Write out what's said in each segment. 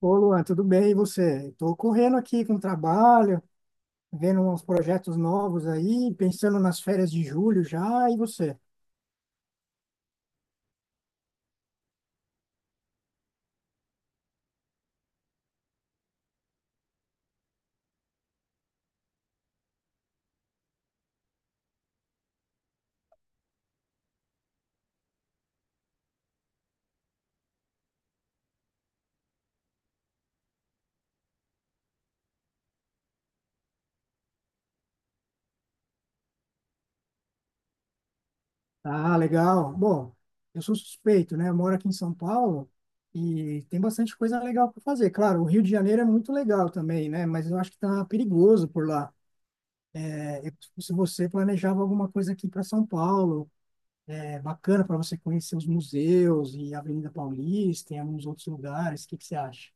Ô, Luan, tudo bem? E você? Estou correndo aqui com o trabalho, vendo uns projetos novos aí, pensando nas férias de julho já. E você? Ah, legal. Bom, eu sou suspeito, né? Eu moro aqui em São Paulo e tem bastante coisa legal para fazer. Claro, o Rio de Janeiro é muito legal também, né? Mas eu acho que tá perigoso por lá. É, se você planejava alguma coisa aqui para São Paulo, é bacana para você conhecer os museus e a Avenida Paulista e alguns outros lugares. O que que você acha?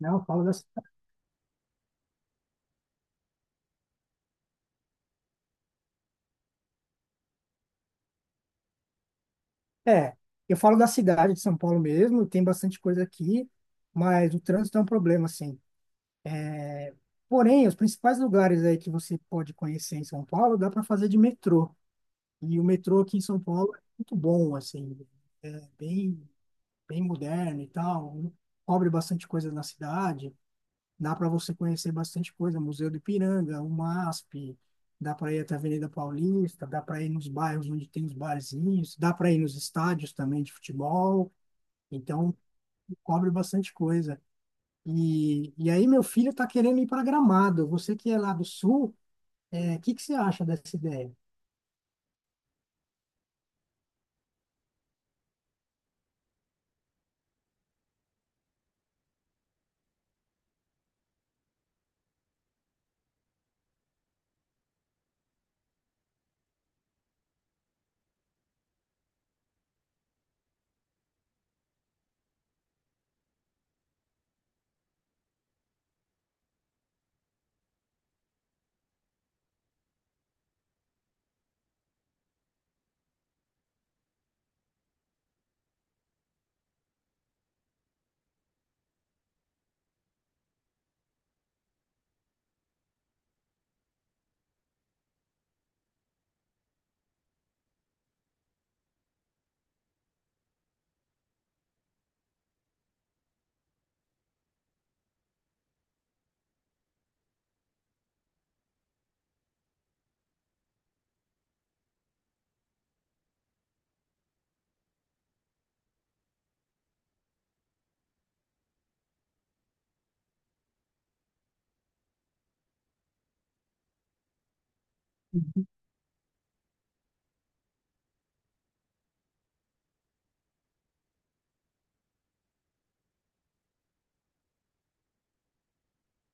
Não. fala da É, eu falo da cidade de São Paulo mesmo, tem bastante coisa aqui, mas o trânsito é um problema, assim. Porém, os principais lugares aí que você pode conhecer em São Paulo, dá para fazer de metrô. E o metrô aqui em São Paulo é muito bom, assim, é bem, bem moderno e tal, cobre bastante coisa na cidade, dá para você conhecer bastante coisa, Museu do Ipiranga, o MASP, dá para ir até a Avenida Paulista, dá para ir nos bairros onde tem os barzinhos, dá para ir nos estádios também de futebol. Então, cobre bastante coisa. E aí meu filho está querendo ir para Gramado. Você que é lá do Sul, o que que você acha dessa ideia?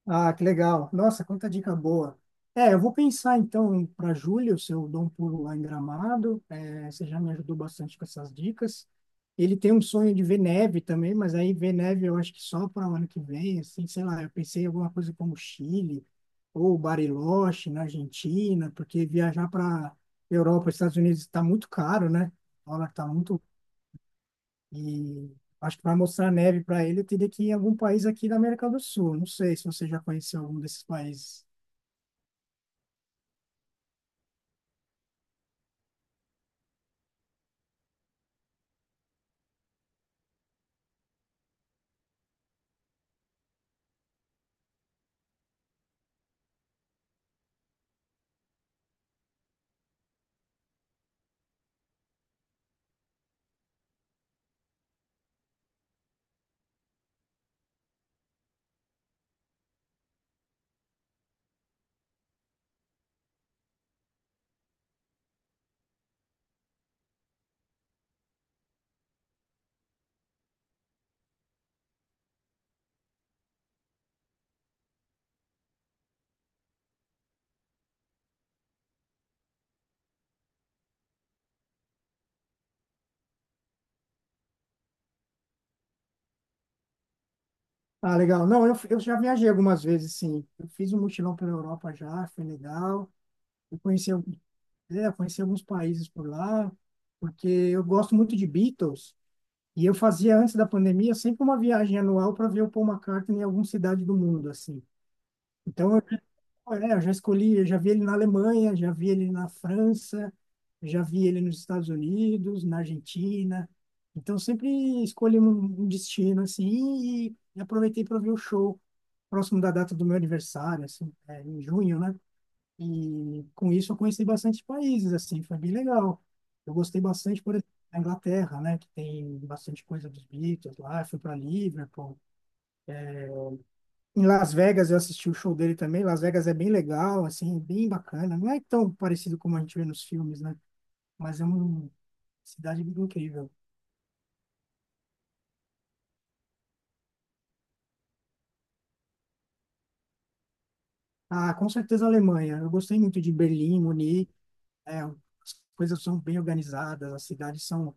Ah, que legal. Nossa, quanta dica boa. É, eu vou pensar então para julho, se eu dou um pulo lá em Gramado. É, você já me ajudou bastante com essas dicas. Ele tem um sonho de ver neve também, mas aí ver neve eu acho que só para o ano que vem, assim, sei lá. Eu pensei em alguma coisa como Chile ou Bariloche na Argentina, porque viajar para Europa e Estados Unidos está muito caro, né? O dólar está muito e acho que para mostrar neve para ele, eu teria que ir em algum país aqui da América do Sul. Não sei se você já conheceu algum desses países. Ah, legal. Não, eu já viajei algumas vezes, sim. Eu fiz um mochilão pela Europa já, foi legal. Eu conheci alguns países por lá, porque eu gosto muito de Beatles. E eu fazia, antes da pandemia, sempre uma viagem anual para ver o Paul McCartney em alguma cidade do mundo, assim. Então, ah, é, eu já escolhi, eu já vi ele na Alemanha, já vi ele na França, já vi ele nos Estados Unidos, na Argentina. Então sempre escolhi um destino assim e aproveitei para ver o show próximo da data do meu aniversário, assim, é, em junho, né? E com isso eu conheci bastante países, assim, foi bem legal. Eu gostei bastante, por exemplo, da Inglaterra, né? Que tem bastante coisa dos Beatles lá. Eu fui para Liverpool. Em Las Vegas eu assisti o show dele também. Las Vegas é bem legal, assim, é bem bacana. Não é tão parecido como a gente vê nos filmes, né? Mas é uma cidade incrível. Ah, com certeza a Alemanha. Eu gostei muito de Berlim, Munique. É, as coisas são bem organizadas, as cidades são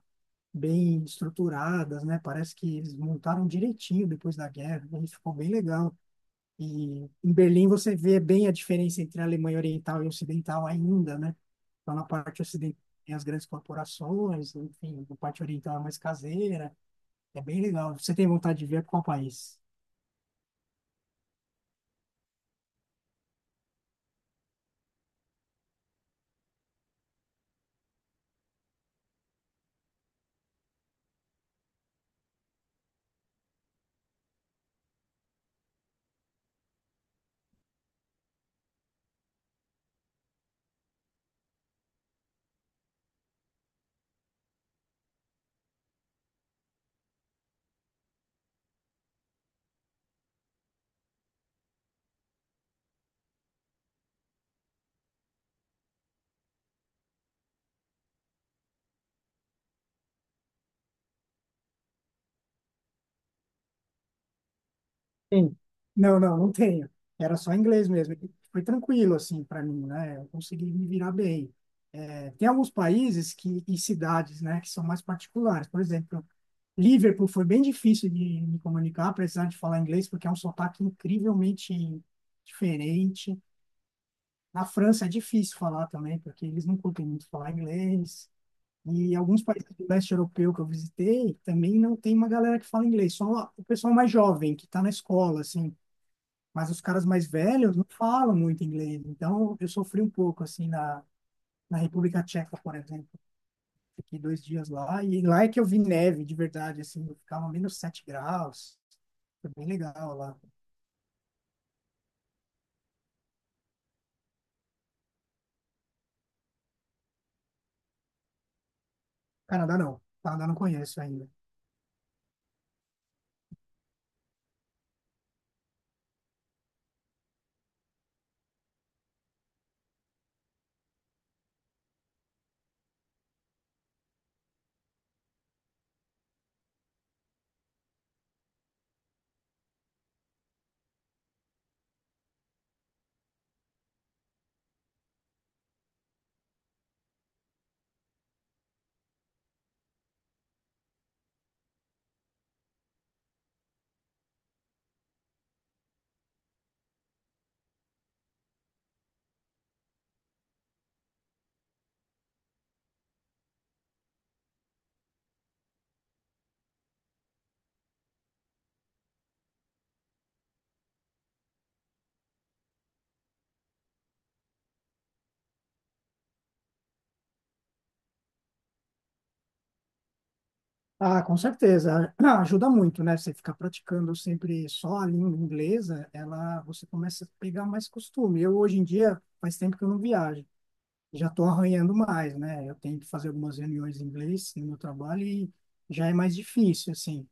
bem estruturadas, né? Parece que eles montaram direitinho depois da guerra. E ficou bem legal. E em Berlim você vê bem a diferença entre a Alemanha Oriental e Ocidental ainda, né? Então, na parte ocidental tem as grandes corporações, enfim, a parte oriental é mais caseira. É bem legal. Você tem vontade de ver para qual país? Sim. Não, não, não tenho. Era só inglês mesmo. E foi tranquilo, assim, para mim, né? Eu consegui me virar bem. É, tem alguns países que, e cidades, né, que são mais particulares. Por exemplo, Liverpool foi bem difícil de me comunicar, apesar de falar inglês, porque é um sotaque incrivelmente diferente. Na França é difícil falar também, porque eles não curtem muito falar inglês. E alguns países do leste europeu que eu visitei também não tem uma galera que fala inglês, só o pessoal mais jovem que está na escola, assim. Mas os caras mais velhos não falam muito inglês. Então eu sofri um pouco, assim, na República Tcheca, por exemplo. Fiquei 2 dias lá e lá é que eu vi neve de verdade, assim. Ficava -7 graus. Foi bem legal lá. Canadá não. Canadá não conheço ainda. Ah, com certeza. Ajuda muito, né? Você ficar praticando sempre só a língua inglesa, ela, você começa a pegar mais costume. Eu, hoje em dia, faz tempo que eu não viajo. Já estou arranhando mais, né? Eu tenho que fazer algumas reuniões em inglês no meu trabalho e já é mais difícil, assim.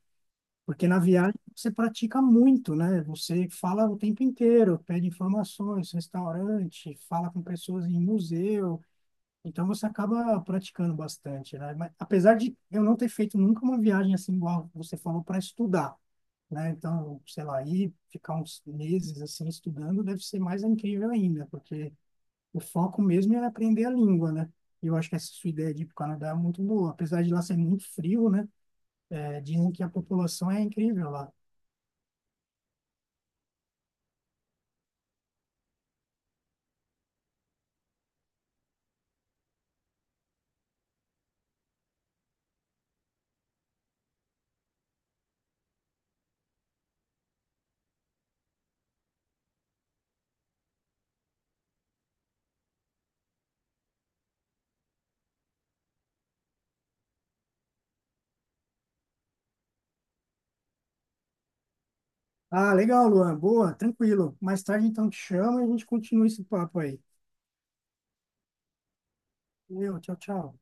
Porque na viagem você pratica muito, né? Você fala o tempo inteiro, pede informações, restaurante, fala com pessoas em museu. Então você acaba praticando bastante, né? Mas, apesar de eu não ter feito nunca uma viagem assim igual você falou para estudar, né? Então, sei lá, ir ficar uns meses assim estudando deve ser mais incrível ainda, porque o foco mesmo é aprender a língua, né? E eu acho que essa sua ideia de ir para o Canadá é muito boa, apesar de lá ser muito frio, né? É, dizem que a população é incrível lá. Ah, legal, Luan. Boa, tranquilo. Mais tarde então te chamo e a gente continua esse papo aí. Meu, tchau, tchau.